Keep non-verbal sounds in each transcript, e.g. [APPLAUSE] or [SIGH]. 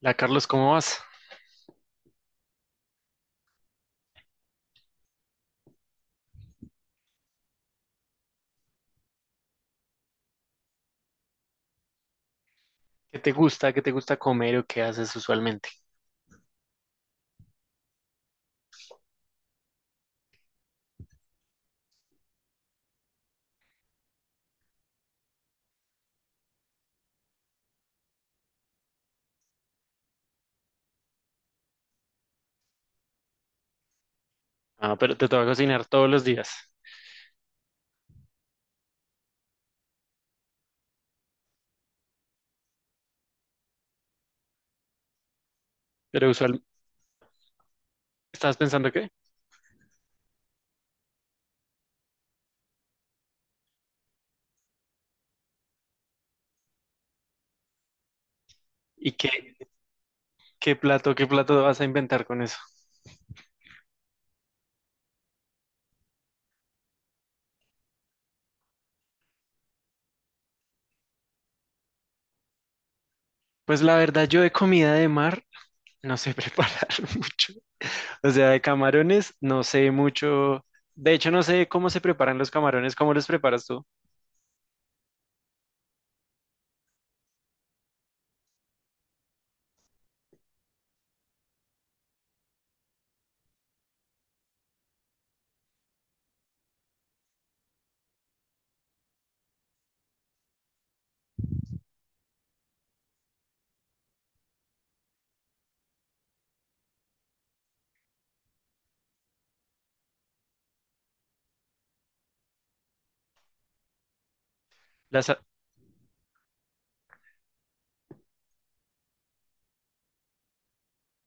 La Carlos, ¿cómo vas? ¿Qué te gusta comer o qué haces usualmente? Ah, pero te toca cocinar todos los días. Pero usual, ¿Estás pensando qué? ¿Y qué, qué plato vas a inventar con eso? Pues la verdad, yo de comida de mar no sé [LAUGHS] preparar mucho. O sea, de camarones no sé mucho. De hecho, no sé cómo se preparan los camarones. ¿Cómo los preparas tú? La, sa-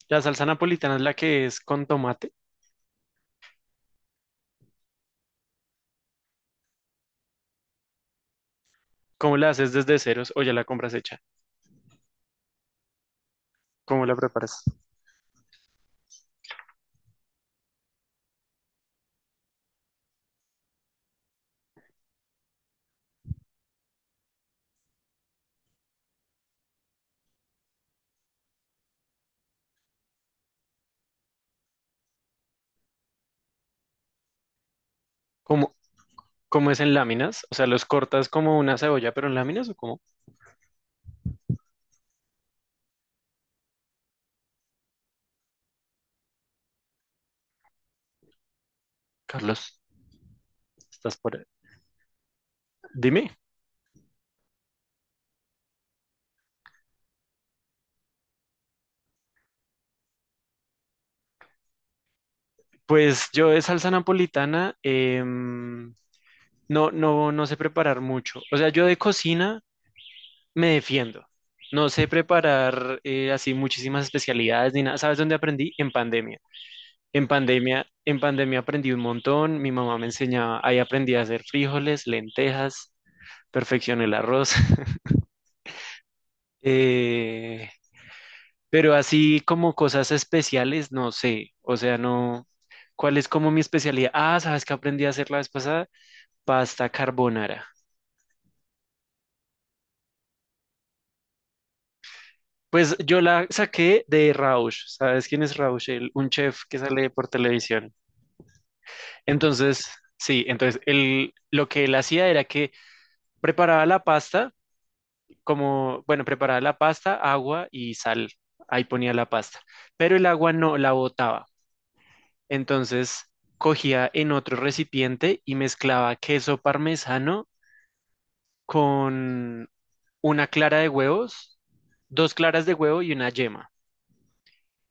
la salsa napolitana es la que es con tomate. ¿Cómo la haces desde ceros o ya la compras hecha? ¿Cómo la preparas? ¿Cómo, ¿Cómo es en láminas? O sea, ¿los cortas como una cebolla, pero en láminas o cómo? Carlos, ¿estás por ahí? Dime. Pues yo de salsa napolitana no, no, no sé preparar mucho. O sea, yo de cocina me defiendo. No sé preparar así muchísimas especialidades ni nada. ¿Sabes dónde aprendí? En pandemia. En pandemia aprendí un montón. Mi mamá me enseñaba, ahí aprendí a hacer frijoles, lentejas, perfeccioné el arroz. [LAUGHS] Eh, Pero así como cosas especiales, no sé. O sea, no. ¿Cuál es como mi especialidad? Ah, ¿sabes qué aprendí a hacer la vez pasada? Pasta carbonara. Pues yo la saqué de Rausch. ¿Sabes quién es Rausch? Un chef que sale por televisión. Entonces, sí, entonces él, lo que él hacía era que preparaba la pasta, como, bueno, preparaba la pasta, agua y sal. Ahí ponía la pasta. Pero el agua no la botaba. Entonces cogía en otro recipiente y mezclaba queso parmesano con una clara de huevos, dos claras de huevo y una yema.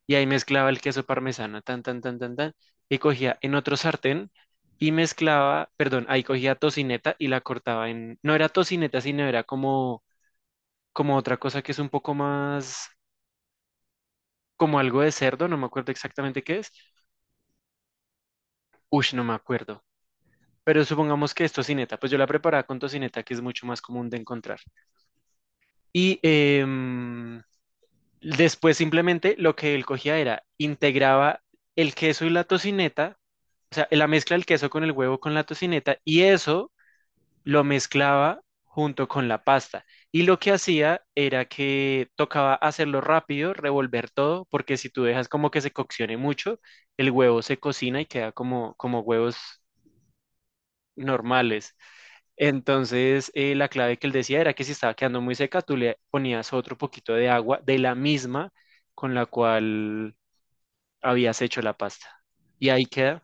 Y ahí mezclaba el queso parmesano, tan, tan, tan, tan, tan. Y cogía en otro sartén y mezclaba, perdón, ahí cogía tocineta y la cortaba en, no era tocineta, sino era como otra cosa que es un poco más, como algo de cerdo, no me acuerdo exactamente qué es. Uy, no me acuerdo. Pero supongamos que es tocineta, pues yo la preparaba con tocineta, que es mucho más común de encontrar. Y después simplemente lo que él cogía era, integraba el queso y la tocineta, o sea, la mezcla del queso con el huevo con la tocineta, y eso lo mezclaba junto con la pasta. Y lo que hacía era que tocaba hacerlo rápido, revolver todo, porque si tú dejas como que se coccione mucho, el huevo se cocina y queda como huevos normales. Entonces, la clave que él decía era que si estaba quedando muy seca, tú le ponías otro poquito de agua de la misma con la cual habías hecho la pasta. Y ahí queda.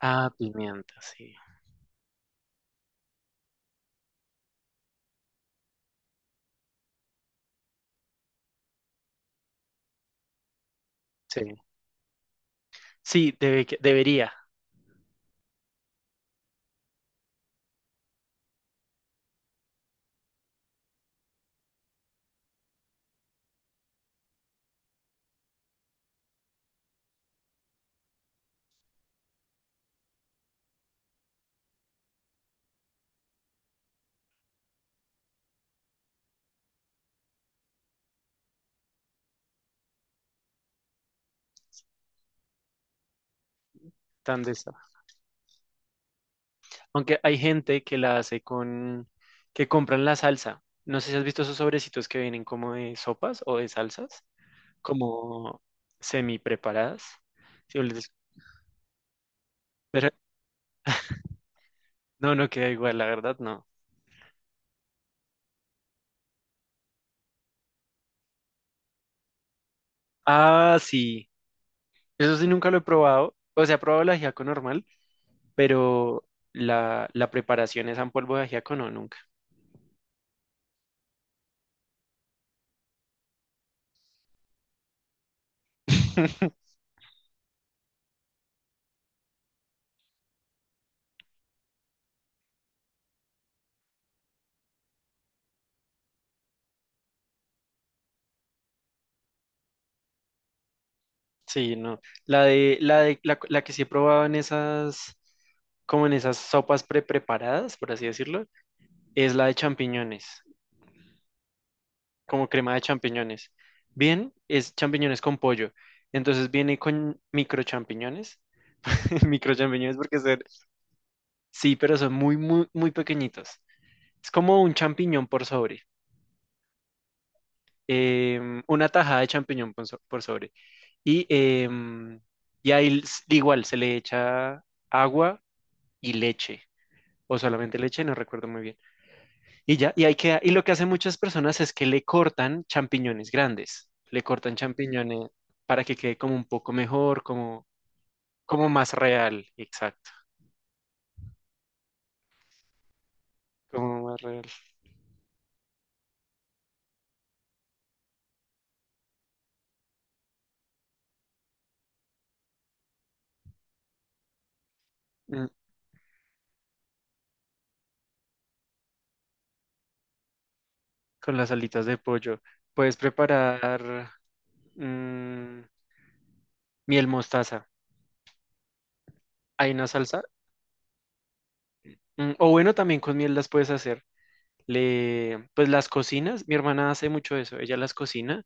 Ah, pimienta, sí. Sí, sí, debería. Tan de esa. Aunque hay gente que la hace con, que compran la salsa. No sé si has visto esos sobrecitos que vienen como de sopas o de salsas, como semi preparadas. Sí, pero no, no queda igual, la verdad, no. Ah, sí. Eso sí nunca lo he probado. O sea, he probado el ajiaco normal, pero la preparación es en polvo de ajiaco, no, nunca. [LAUGHS] Sí, no. La que sí he probado en esas, como en esas sopas pre-preparadas, por así decirlo, es la de champiñones, como crema de champiñones. Bien, es champiñones con pollo. Entonces viene con micro champiñones, [LAUGHS] micro champiñones porque son, sí, pero son muy, muy, muy pequeñitos. Es como un champiñón por sobre. Una tajada de champiñón por, por sobre. Y, em, y ahí igual se le echa agua y leche, o solamente leche, no recuerdo muy bien. Y ya, y ahí queda. Y lo que hacen muchas personas es que le cortan champiñones grandes, le cortan champiñones para que quede como un poco mejor, como más real, exacto, como más real. Mm, Con las alitas de pollo. Puedes preparar mm, miel mostaza. Hay una salsa. O bueno, también con miel las puedes hacer. Pues las cocinas, mi hermana hace mucho eso, ella las cocina,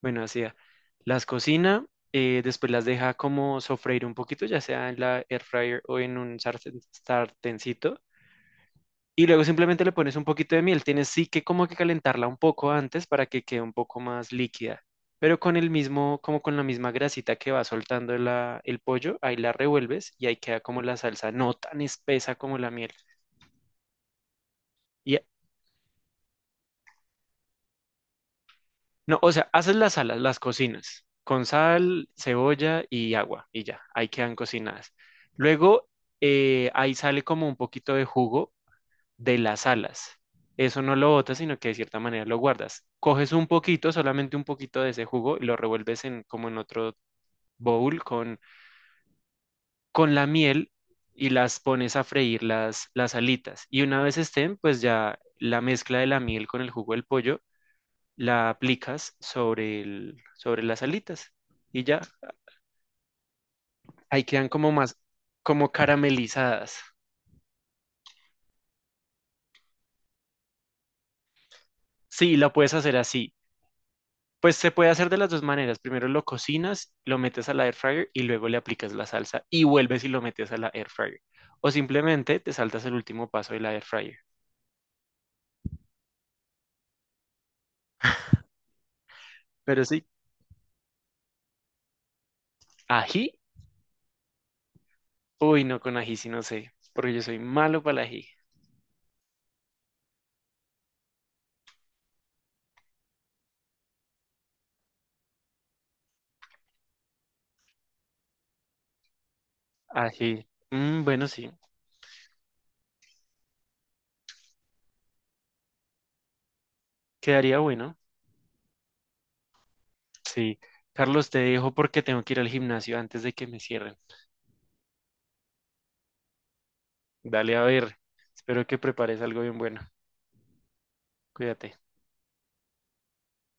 bueno, hacía, las cocina, después las deja como sofreír un poquito, ya sea en la air fryer o en un sartencito, y luego simplemente le pones un poquito de miel. Tienes sí que como que calentarla un poco antes para que quede un poco más líquida, pero con el mismo, como con la misma grasita que va soltando el pollo, ahí la revuelves y ahí queda como la salsa, no tan espesa como la miel. Y No, o sea, haces las alas, las cocinas, con sal, cebolla y agua, y ya, ahí quedan cocinadas. Luego, ahí sale como un poquito de jugo de las alas. Eso no lo botas, sino que de cierta manera lo guardas. Coges un poquito, solamente un poquito de ese jugo, y lo revuelves en, como en otro bowl con la miel y las pones a freír las alitas. Y una vez estén, pues ya la mezcla de la miel con el jugo del pollo la aplicas sobre las alitas y ya, ahí quedan como más, como caramelizadas. Sí, la puedes hacer así. Pues se puede hacer de las dos maneras. Primero lo cocinas, lo metes a la air fryer y luego le aplicas la salsa y vuelves y lo metes a la air fryer. O simplemente te saltas el último paso de la air fryer. Pero sí, ají, uy, no con ají, sí no sé, porque yo soy malo para el ají. Ají, bueno, sí, quedaría bueno. Sí, Carlos, te dejo porque tengo que ir al gimnasio antes de que me cierren. Dale a ver. Espero que prepares algo bien bueno. Cuídate.